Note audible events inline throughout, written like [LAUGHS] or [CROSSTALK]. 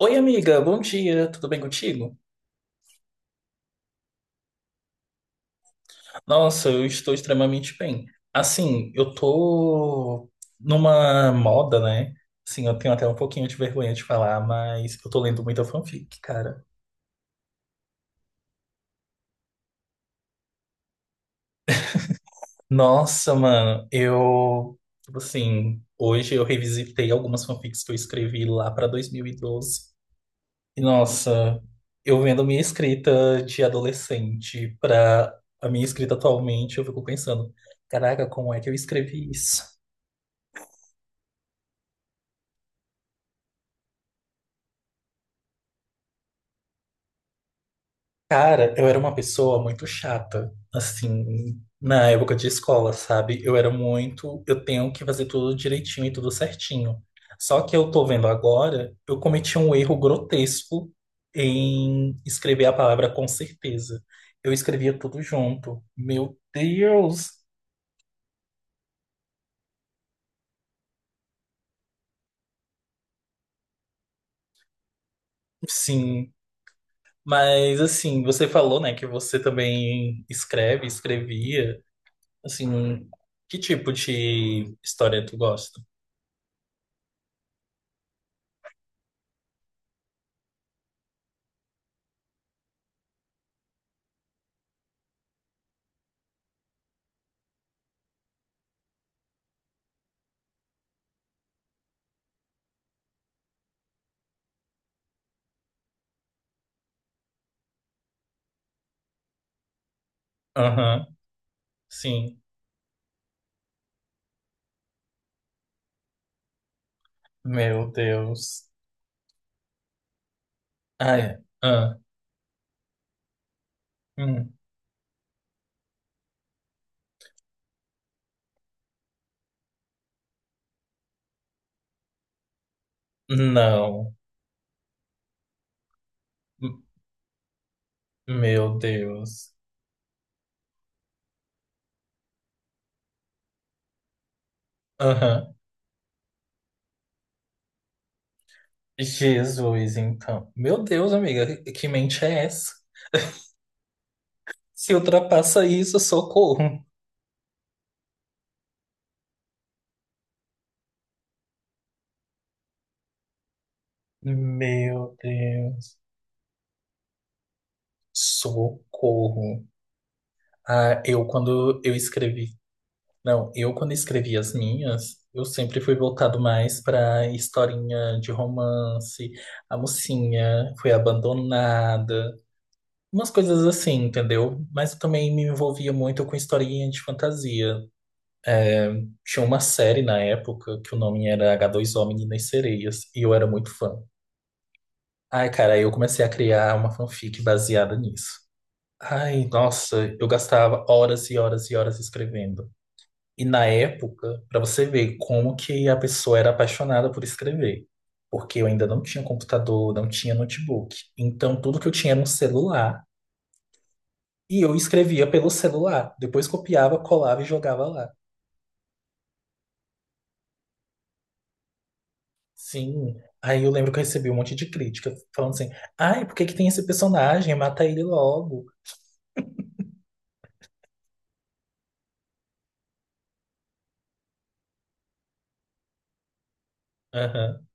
Oi, amiga, bom dia, tudo bem contigo? Nossa, eu estou extremamente bem. Assim, eu tô numa moda, né? Sim, eu tenho até um pouquinho de vergonha de falar, mas eu tô lendo muita fanfic, cara. Nossa, mano, eu, tipo assim, hoje eu revisitei algumas fanfics que eu escrevi lá pra 2012. E doze. E nossa, eu vendo minha escrita de adolescente pra a minha escrita atualmente, eu fico pensando, caraca, como é que eu escrevi isso? Cara, eu era uma pessoa muito chata, assim, na época de escola, sabe? Eu era muito, eu tenho que fazer tudo direitinho e tudo certinho. Só que eu tô vendo agora, eu cometi um erro grotesco em escrever a palavra com certeza. Eu escrevia tudo junto. Meu Deus! Sim, mas assim, você falou, né, que você também escreve, escrevia. Assim, que tipo de história tu gosta? Aham, sim. Meu Deus. Ai, ah, hum, não. M- Meu Deus. Aham. Jesus, então. Meu Deus, amiga, que mente é essa? Se ultrapassa isso, socorro. Meu Deus. Socorro. Ah, eu quando eu escrevi. Não, eu quando escrevi as minhas, eu sempre fui voltado mais pra historinha de romance. A mocinha foi abandonada. Umas coisas assim, entendeu? Mas eu também me envolvia muito com historinha de fantasia. Tinha uma série na época que o nome era H2O Meninas e Sereias, e eu era muito fã. Ai, cara, aí eu comecei a criar uma fanfic baseada nisso. Ai, nossa, eu gastava horas e horas e horas escrevendo. E na época, pra você ver como que a pessoa era apaixonada por escrever. Porque eu ainda não tinha computador, não tinha notebook. Então, tudo que eu tinha era um celular. E eu escrevia pelo celular, depois copiava, colava e jogava lá. Sim. Aí eu lembro que eu recebi um monte de crítica, falando assim: ai, por que que tem esse personagem? Mata ele logo. Aham.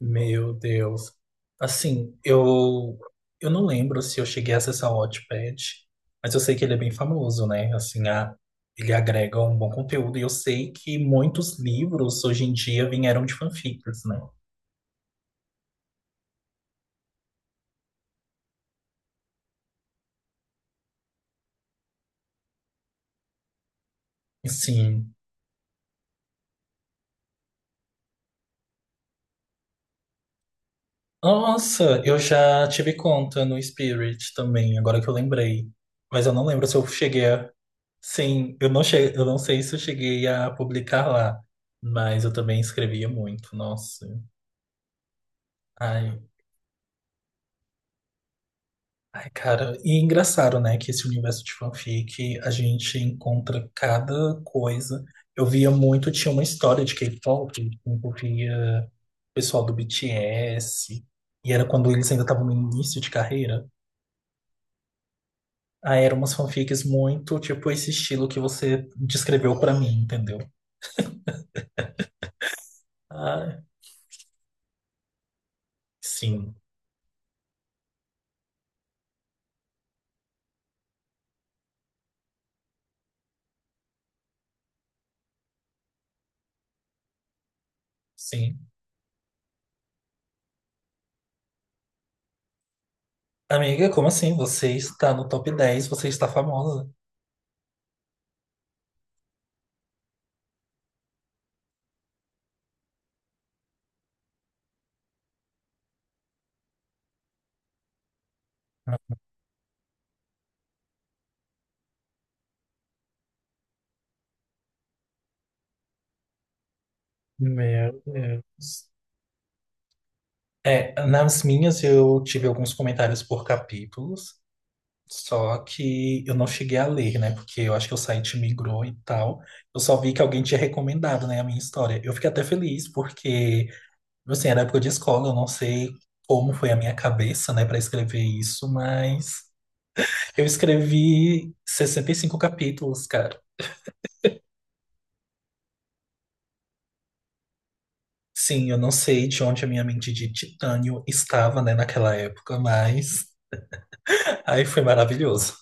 Meu Deus. Assim, eu não lembro se eu cheguei a acessar o Wattpad, mas eu sei que ele é bem famoso, né? Assim, a, ele agrega um bom conteúdo. E eu sei que muitos livros hoje em dia vieram de fanfics, né? Sim. Nossa, eu já tive conta no Spirit também, agora que eu lembrei. Mas eu não lembro se eu cheguei a. Sim, eu não sei se eu cheguei a publicar lá. Mas eu também escrevia muito, nossa. Ai, ai, cara. E engraçado, né, que esse universo de fanfic, a gente encontra cada coisa. Eu via muito, tinha uma história de K-pop que envolvia o pessoal do BTS. E era quando eles ainda estavam no início de carreira. Ah, eram umas fanfics muito, tipo, esse estilo que você descreveu pra mim, entendeu? Ah, sim, sim. Amiga, como assim? Você está no top dez, você está famosa. Meu Deus. É, nas minhas eu tive alguns comentários por capítulos, só que eu não cheguei a ler, né? Porque eu acho que o site migrou e tal. Eu só vi que alguém tinha recomendado, né, a minha história. Eu fiquei até feliz, porque, tipo assim, era época de escola, eu não sei como foi a minha cabeça, né, para escrever isso, mas eu escrevi 65 capítulos, cara. Sim, eu não sei de onde a minha mente de titânio estava, né, naquela época, mas [LAUGHS] aí foi maravilhoso.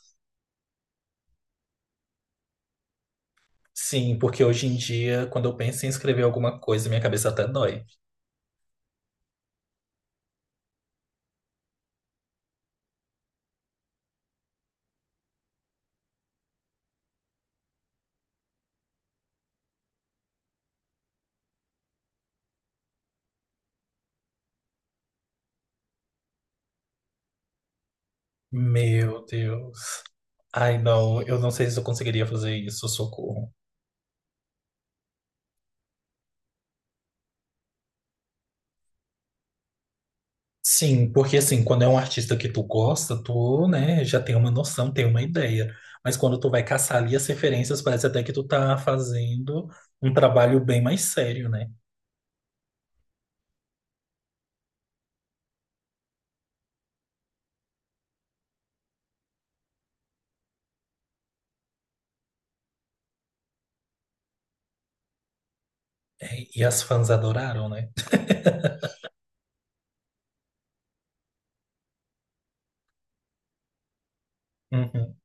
Sim, porque hoje em dia, quando eu penso em escrever alguma coisa, minha cabeça até dói. Meu Deus. Ai, não, eu não sei se eu conseguiria fazer isso, socorro. Sim, porque assim, quando é um artista que tu gosta, tu, né, já tem uma noção, tem uma ideia. Mas quando tu vai caçar ali as referências, parece até que tu tá fazendo um trabalho bem mais sério, né? É, e as fãs adoraram, né? Uhum.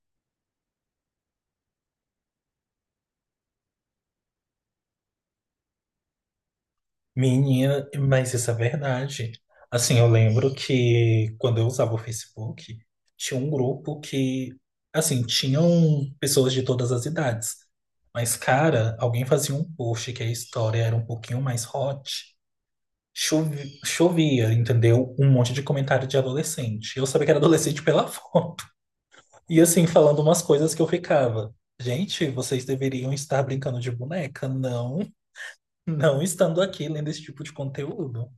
Menina, mas isso é verdade. Assim, eu lembro que quando eu usava o Facebook, tinha um grupo que, assim, tinham pessoas de todas as idades. Mas, cara, alguém fazia um post que a história era um pouquinho mais hot. Chovia, entendeu? Um monte de comentário de adolescente. Eu sabia que era adolescente pela [LAUGHS] foto. E assim, falando umas coisas que eu ficava. Gente, vocês deveriam estar brincando de boneca, não, não estando aqui lendo esse tipo de conteúdo.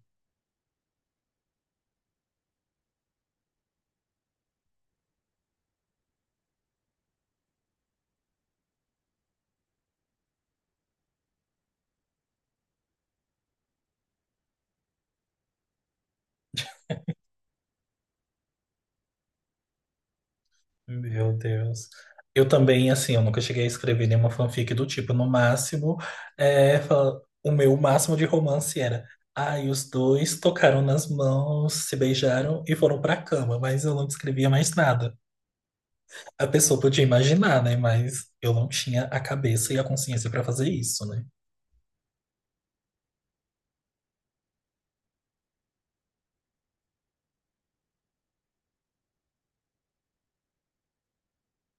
Meu Deus. Eu também, assim, eu nunca cheguei a escrever nenhuma fanfic do tipo. No máximo, é, o meu máximo de romance era. Ai, os dois tocaram nas mãos, se beijaram e foram pra cama, mas eu não escrevia mais nada. A pessoa podia imaginar, né? Mas eu não tinha a cabeça e a consciência para fazer isso, né?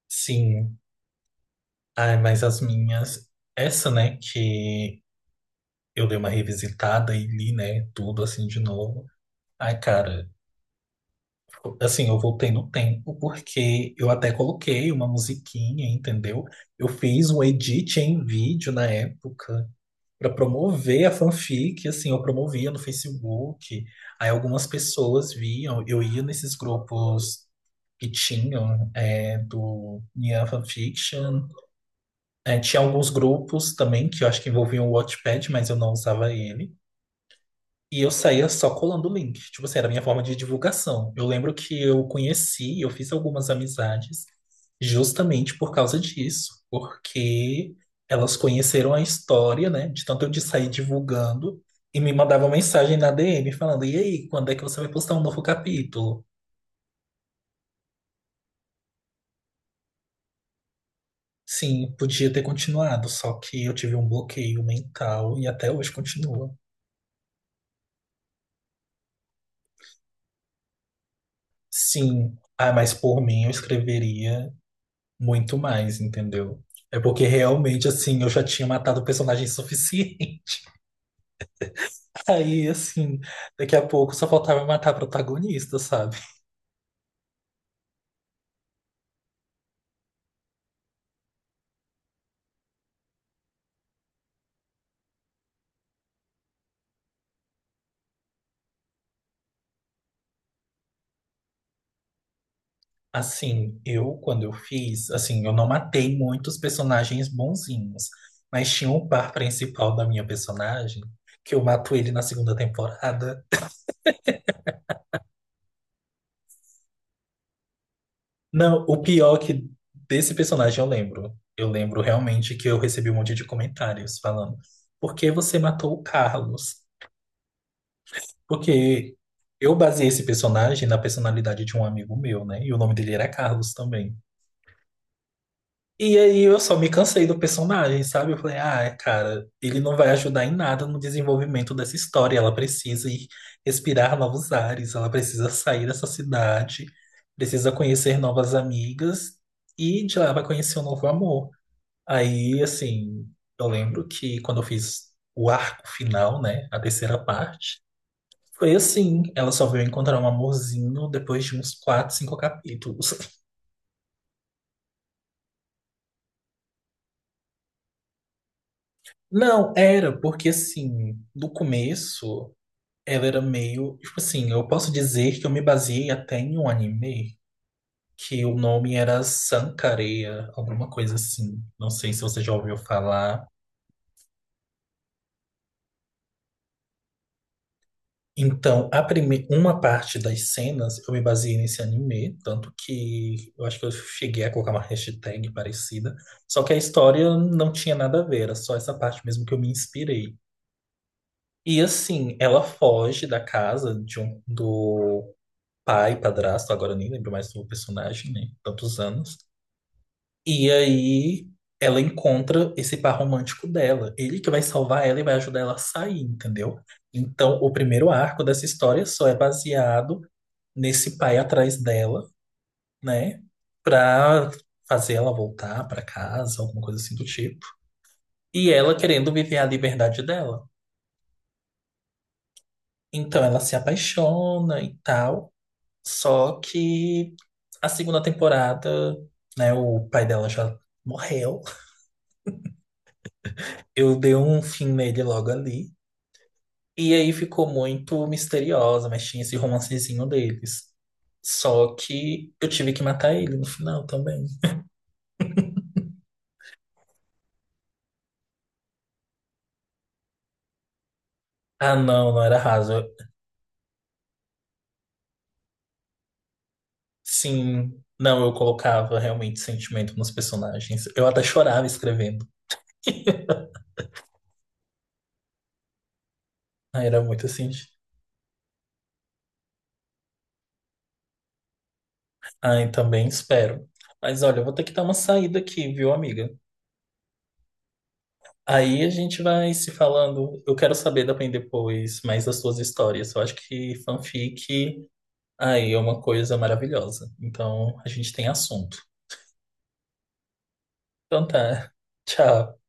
Sim. Ai, mas as minhas. Essa, né? Que eu dei uma revisitada e li, né? Tudo assim de novo. Ai, cara. Assim, eu voltei no tempo porque eu até coloquei uma musiquinha, entendeu? Eu fiz um edit em vídeo na época, para promover a fanfic, assim, eu promovia no Facebook. Aí algumas pessoas viam, eu ia nesses grupos que tinham do Nyan Fanfiction. É, tinha alguns grupos também que eu acho que envolviam o Wattpad, mas eu não usava ele. E eu saía só colando o link. Tipo assim, era a minha forma de divulgação. Eu lembro que eu conheci, eu fiz algumas amizades justamente por causa disso. Porque elas conheceram a história, né? De tanto eu de sair divulgando e me mandavam mensagem na DM falando: e aí, quando é que você vai postar um novo capítulo? Sim, podia ter continuado, só que eu tive um bloqueio mental e até hoje continua. Sim, ah, mas por mim eu escreveria muito mais, entendeu? É porque realmente, assim, eu já tinha matado o personagem suficiente. [LAUGHS] Aí, assim, daqui a pouco só faltava matar a protagonista, sabe? Assim, eu, quando eu fiz, assim, eu não matei muitos personagens bonzinhos, mas tinha um par principal da minha personagem, que eu mato ele na segunda temporada. Não, o pior é que desse personagem eu lembro. Eu lembro realmente que eu recebi um monte de comentários falando, por que você matou o Carlos? Porque eu baseei esse personagem na personalidade de um amigo meu, né? E o nome dele era Carlos também. E aí eu só me cansei do personagem, sabe? Eu falei, ah, cara, ele não vai ajudar em nada no desenvolvimento dessa história. Ela precisa ir respirar novos ares, ela precisa sair dessa cidade, precisa conhecer novas amigas e de lá vai conhecer um novo amor. Aí, assim, eu lembro que quando eu fiz o arco final, né? A terceira parte. Foi assim, ela só veio encontrar um amorzinho depois de uns quatro, cinco capítulos. Não, era porque assim, do começo, ela era meio, tipo assim, eu posso dizer que eu me baseei até em um anime que o nome era Sankareya, alguma coisa assim. Não sei se você já ouviu falar. Então, uma parte das cenas eu me baseei nesse anime, tanto que eu acho que eu cheguei a colocar uma hashtag parecida, só que a história não tinha nada a ver, era só essa parte mesmo que eu me inspirei. E assim, ela foge da casa de do pai, padrasto, agora eu nem lembro mais do personagem, né? Tantos anos. E aí ela encontra esse par romântico dela, ele que vai salvar ela e vai ajudar ela a sair, entendeu? Então, o primeiro arco dessa história só é baseado nesse pai atrás dela, né? Pra fazer ela voltar pra casa, alguma coisa assim do tipo. E ela querendo viver a liberdade dela. Então ela se apaixona e tal. Só que a segunda temporada, né? O pai dela já morreu. Eu dei um fim nele logo ali. E aí ficou muito misteriosa, mas tinha esse romancezinho deles. Só que eu tive que matar ele no final também. Ah, não, não era raso. Sim, não, eu colocava realmente sentimento nos personagens. Eu até chorava escrevendo. [LAUGHS] Ah, era muito assim. Ai, também espero. Mas olha, eu vou ter que dar uma saída aqui, viu, amiga? Aí a gente vai se falando. Eu quero saber também depois mais das suas histórias. Eu acho que fanfic, aí é uma coisa maravilhosa. Então a gente tem assunto. Então tá. [LAUGHS] Tchau.